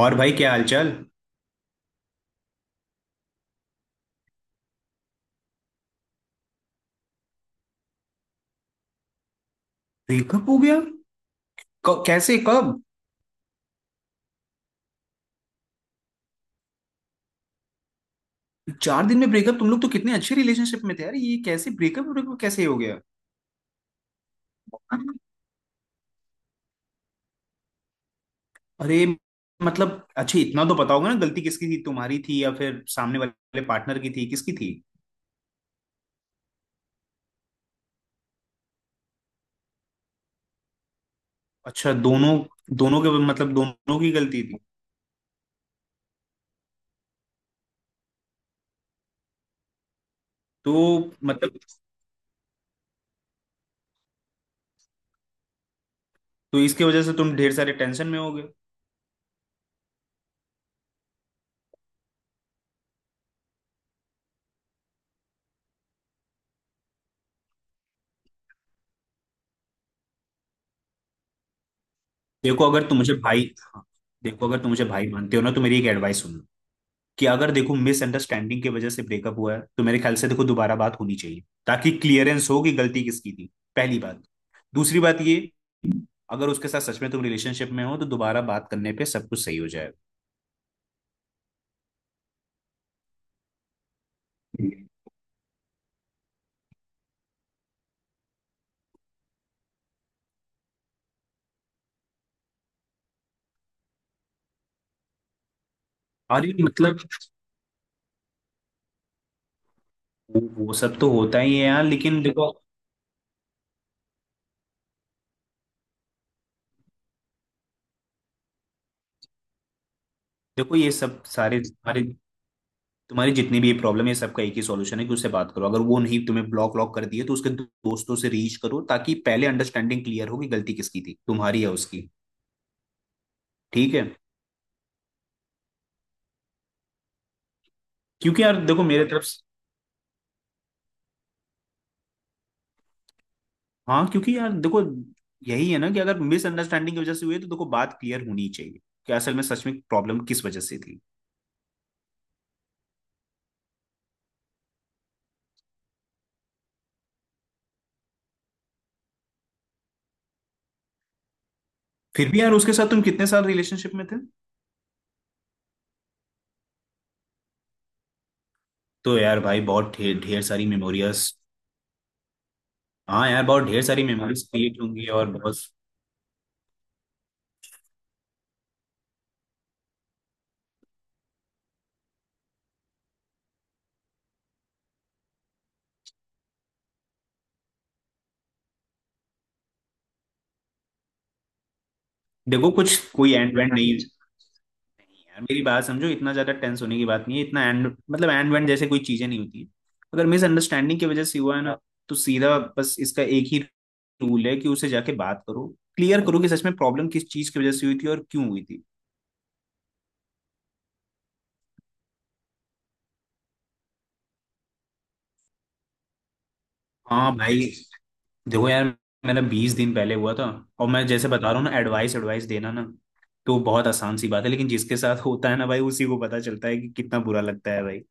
और भाई क्या हालचाल। ब्रेकअप हो गया? कैसे, कब? चार दिन में ब्रेकअप? तुम लोग तो कितने अच्छे रिलेशनशिप में थे यार, ये कैसे ब्रेकअप ब्रेकअप कैसे हो गया? अरे, मतलब अच्छा, इतना तो पता होगा ना गलती किसकी थी, तुम्हारी थी या फिर सामने वाले पार्टनर की थी, किसकी थी? अच्छा, दोनों? दोनों के मतलब दोनों की गलती थी? तो मतलब इसके वजह से तुम ढेर सारे टेंशन में हो गए? देखो, अगर तुम मुझे भाई, हाँ, देखो अगर तुम मुझे भाई मानते हो ना, तो मेरी एक एडवाइस सुनना कि अगर देखो मिसअंडरस्टैंडिंग की वजह से ब्रेकअप हुआ है, तो मेरे ख्याल से देखो दोबारा बात होनी चाहिए ताकि क्लियरेंस हो कि गलती किसकी थी। पहली बात। दूसरी बात ये, अगर उसके साथ सच में तुम रिलेशनशिप में हो तो दोबारा बात करने पे सब कुछ सही हो जाएगा। और ये मतलब वो सब तो होता ही है यार, लेकिन देखो। देखो, ये सब सारे तुम्हारे तुम्हारी जितनी भी ये प्रॉब्लम है, सबका एक ही सॉल्यूशन है कि उससे बात करो। अगर वो नहीं, तुम्हें ब्लॉक व्लॉक कर दिए तो उसके दोस्तों से रीच करो, ताकि पहले अंडरस्टैंडिंग क्लियर हो कि गलती किसकी थी, तुम्हारी या उसकी। ठीक है? क्योंकि यार देखो मेरे तरफ से, हाँ क्योंकि यार देखो, यही है ना कि अगर मिसअंडरस्टैंडिंग की वजह से हुई है, तो देखो बात क्लियर होनी चाहिए कि असल में सच में प्रॉब्लम किस वजह से थी। फिर भी यार, उसके साथ तुम कितने साल रिलेशनशिप में थे? तो यार भाई बहुत ढेर ढेर सारी मेमोरियस। हाँ यार, बहुत ढेर सारी मेमोरीज क्रिएट होंगी और बहुत। देखो, कुछ कोई एंड वेंड नहीं। यार मेरी बात समझो, इतना ज्यादा टेंस होने की बात नहीं है, इतना एंड मतलब एंड वेंड जैसे कोई चीजें नहीं होती है। अगर मिसअंडरस्टैंडिंग की वजह से हुआ है ना, हाँ तो सीधा बस इसका एक ही रूल है कि उसे जाके बात करो। क्लियर करो कि सच में प्रॉब्लम किस चीज की वजह से हुई थी और क्यों हुई थी। हाँ भाई, देखो यार, मेरा 20 दिन पहले हुआ था। और मैं जैसे बता रहा हूँ ना, एडवाइस एडवाइस देना ना तो बहुत आसान सी बात है, लेकिन जिसके साथ होता है ना भाई, उसी को पता चलता है कि कितना बुरा लगता है भाई।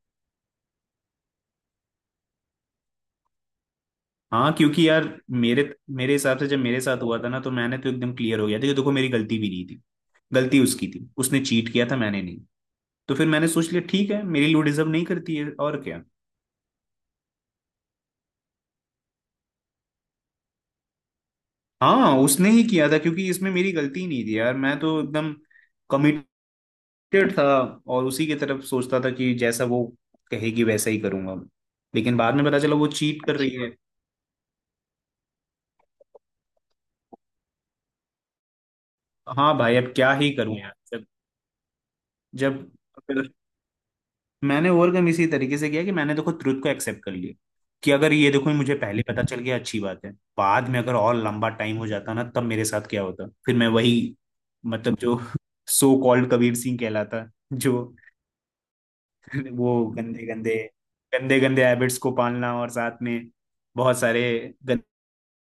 हाँ क्योंकि यार मेरे मेरे हिसाब से जब मेरे साथ हुआ था ना, तो मैंने तो एकदम क्लियर हो गया था कि देखो मेरी गलती भी नहीं थी। गलती उसकी थी, उसने चीट किया था, मैंने नहीं। तो फिर मैंने सोच लिया, ठीक है मेरी लू डिजर्व नहीं करती है, और क्या। हाँ उसने ही किया था, क्योंकि इसमें मेरी गलती नहीं थी यार, मैं तो एकदम कमिटेड था। और उसी की तरफ सोचता था कि जैसा वो कहेगी वैसा ही करूंगा। लेकिन बाद में पता चला वो चीट कर रही, अच्छा है। हाँ भाई अब क्या ही करूं यार। जब जब मैंने ओवरकम इसी तरीके से किया कि मैंने देखो ट्रुथ को एक्सेप्ट कर लिया। कि अगर ये देखो मुझे पहले पता चल गया, अच्छी बात है। बाद में अगर और लंबा टाइम हो जाता ना, तब मेरे साथ क्या होता, फिर मैं वही मतलब जो सो कॉल्ड कबीर सिंह कहलाता, जो वो गंदे गंदे गंदे गंदे हैबिट्स को पालना, और साथ में बहुत सारे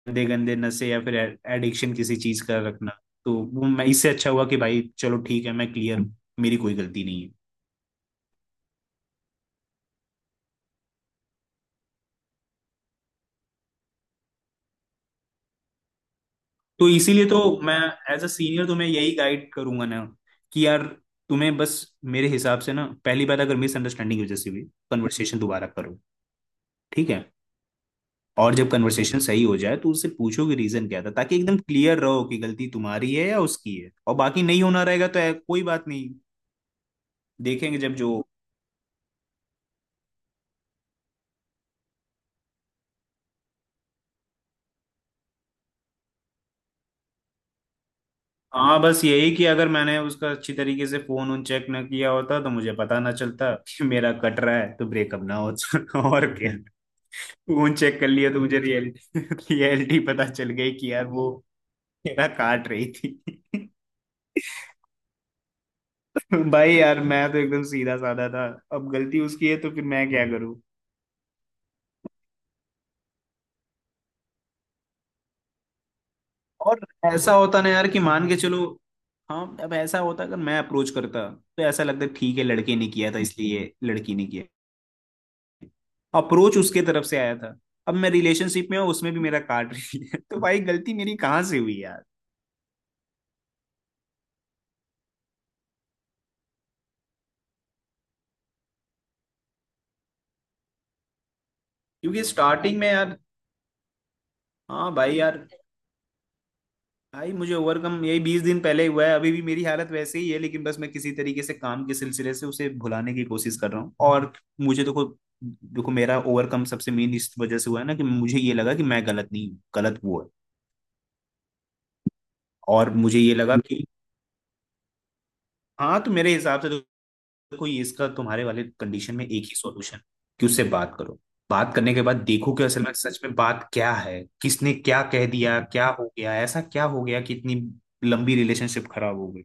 गंदे गंदे नशे या फिर एडिक्शन किसी चीज का रखना, तो वो मैं इससे अच्छा हुआ कि भाई चलो ठीक है, मैं क्लियर हूँ, मेरी कोई गलती नहीं है। तो इसीलिए तो मैं एज अ सीनियर तुम्हें यही गाइड करूंगा ना कि यार तुम्हें बस मेरे हिसाब से ना, पहली बात अगर मिसअंडरस्टैंडिंग की वजह से भी, कन्वर्सेशन दोबारा करो। ठीक है। और जब कन्वर्सेशन सही हो जाए तो उससे पूछो कि रीजन क्या था, ताकि एकदम क्लियर रहो कि गलती तुम्हारी है या उसकी है। और बाकी नहीं होना रहेगा तो कोई बात नहीं, देखेंगे जब जो। हाँ बस यही कि अगर मैंने उसका अच्छी तरीके से फोन उन चेक ना किया होता तो मुझे पता ना चलता कि मेरा कट रहा है, तो ब्रेकअप ना होता और क्या। फोन चेक कर लिया तो मुझे रियलिटी पता चल गई कि यार वो मेरा काट रही थी। भाई यार मैं तो एकदम सीधा साधा था, अब गलती उसकी है तो फिर मैं क्या करूं। और ऐसा होता ना यार कि मान के चलो, हाँ अब ऐसा होता अगर मैं अप्रोच करता तो ऐसा लगता ठीक है, लड़के ने किया था इसलिए लड़की ने किया। अप्रोच उसके तरफ से आया था, अब मैं रिलेशनशिप में हूँ, उसमें भी मेरा काट रही है, तो भाई गलती मेरी कहाँ से हुई यार। क्योंकि स्टार्टिंग में यार, हाँ भाई यार, भाई मुझे ओवरकम यही 20 दिन पहले हुआ है, अभी भी मेरी हालत वैसे ही है, लेकिन बस मैं किसी तरीके से काम के सिलसिले से उसे भुलाने की कोशिश कर रहा हूँ। और मुझे देखो, देखो मेरा ओवरकम सबसे मेन इस वजह से हुआ है ना कि मुझे ये लगा कि मैं गलत नहीं हूँ, गलत वो है। और मुझे ये लगा कि, हाँ तो मेरे हिसाब से तो कोई इसका तुम्हारे वाले कंडीशन में एक ही सॉल्यूशन, कि उससे बात करो। बात करने के बाद देखो कि असल में सच में बात क्या है, किसने क्या कह दिया, क्या हो गया, ऐसा क्या हो गया कि इतनी लंबी रिलेशनशिप खराब हो गई।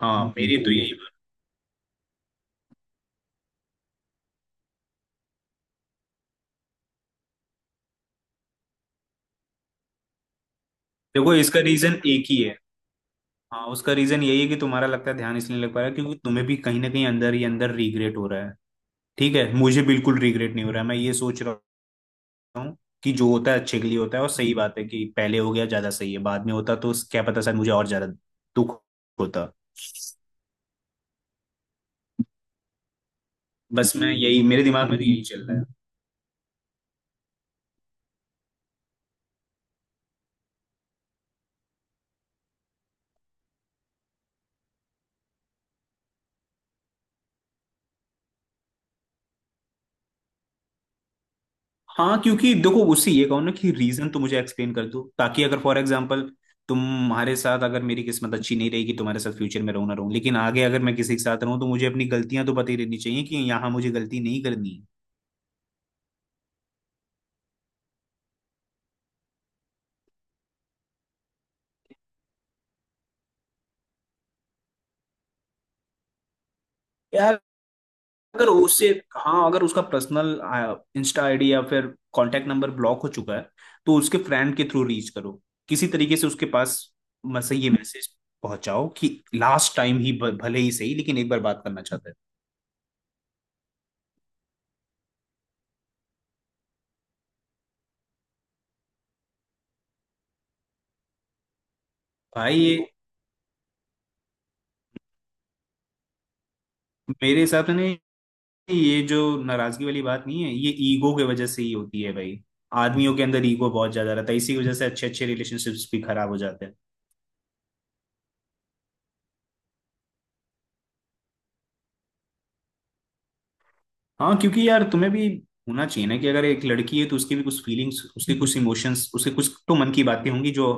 हाँ मेरी तो यही बात। देखो इसका रीजन एक ही है। हाँ उसका रीजन यही है कि तुम्हारा लगता है ध्यान इसलिए नहीं लग पा रहा है क्योंकि तुम्हें भी कहीं ना कहीं अंदर ही अंदर रिग्रेट हो रहा है। ठीक है, मुझे बिल्कुल रिग्रेट नहीं हो रहा है, मैं ये सोच रहा हूँ कि जो होता है अच्छे के लिए होता है। और सही बात है कि पहले हो गया ज्यादा सही है, बाद में होता तो क्या पता शायद मुझे और ज्यादा दुख होता। बस मैं यही, मेरे दिमाग में तो यही चल रहा है। हाँ क्योंकि देखो उससे ये कहो ना कि रीजन तो मुझे एक्सप्लेन कर दो, ताकि अगर फॉर एग्जाम्पल तुम्हारे साथ अगर मेरी किस्मत अच्छी नहीं रहेगी, तुम्हारे साथ फ्यूचर में रहूं ना रहूं, लेकिन आगे अगर मैं किसी के साथ रहूं तो मुझे अपनी गलतियां तो पता ही रहनी चाहिए कि यहाँ मुझे गलती नहीं करनी है। यार अगर उससे, हाँ अगर उसका पर्सनल इंस्टा आईडी या फिर कांटेक्ट नंबर ब्लॉक हो चुका है, तो उसके फ्रेंड के थ्रू रीच करो, किसी तरीके से उसके पास मैसेज, ये मैसेज पहुंचाओ कि लास्ट टाइम ही भले ही सही, लेकिन एक बार बात करना चाहता है। भाई ये मेरे हिसाब से ना, ये जो नाराजगी वाली बात नहीं है, ये ईगो की वजह से ही होती है भाई। आदमियों के अंदर ईगो बहुत ज्यादा रहता है, इसी की वजह से अच्छे अच्छे रिलेशनशिप्स भी खराब हो जाते हैं। हाँ क्योंकि यार तुम्हें भी होना चाहिए ना कि अगर एक लड़की है, तो उसकी भी कुछ फीलिंग्स, उसके कुछ इमोशंस, उसके कुछ तो मन की बातें होंगी जो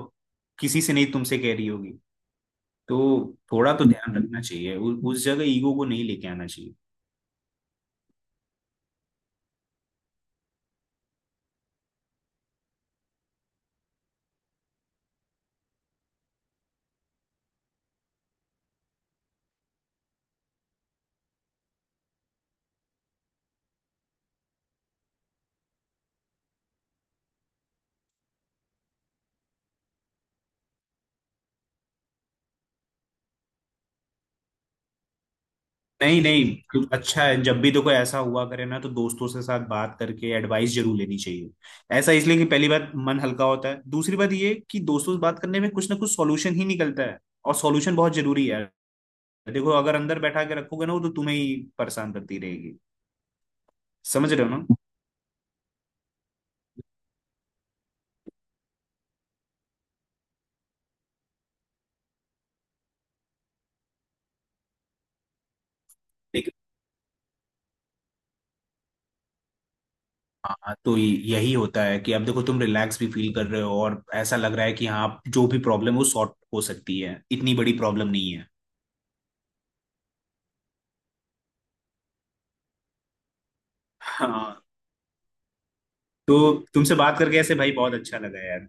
किसी से नहीं तुमसे कह रही होगी। तो थोड़ा तो ध्यान रखना चाहिए, उस जगह ईगो को नहीं लेके आना चाहिए। नहीं नहीं, तो अच्छा है जब भी तो कोई ऐसा हुआ करे ना, तो दोस्तों से साथ बात करके एडवाइस जरूर लेनी चाहिए। ऐसा इसलिए कि पहली बात मन हल्का होता है, दूसरी बात ये कि दोस्तों से बात करने में कुछ ना कुछ सॉल्यूशन ही निकलता है। और सॉल्यूशन बहुत जरूरी है। देखो अगर अंदर बैठा के रखोगे ना, वो तो तुम्हें ही परेशान करती रहेगी। समझ रहे हो ना। लेकिन हाँ तो यही होता है कि अब देखो तुम रिलैक्स भी फील कर रहे हो, और ऐसा लग रहा है कि हाँ जो भी प्रॉब्लम हो सॉर्ट हो सकती है, इतनी बड़ी प्रॉब्लम नहीं है। हाँ तो तुमसे बात करके ऐसे भाई बहुत अच्छा लगा यार।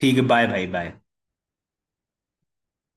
ठीक है, बाय भाई, बाय।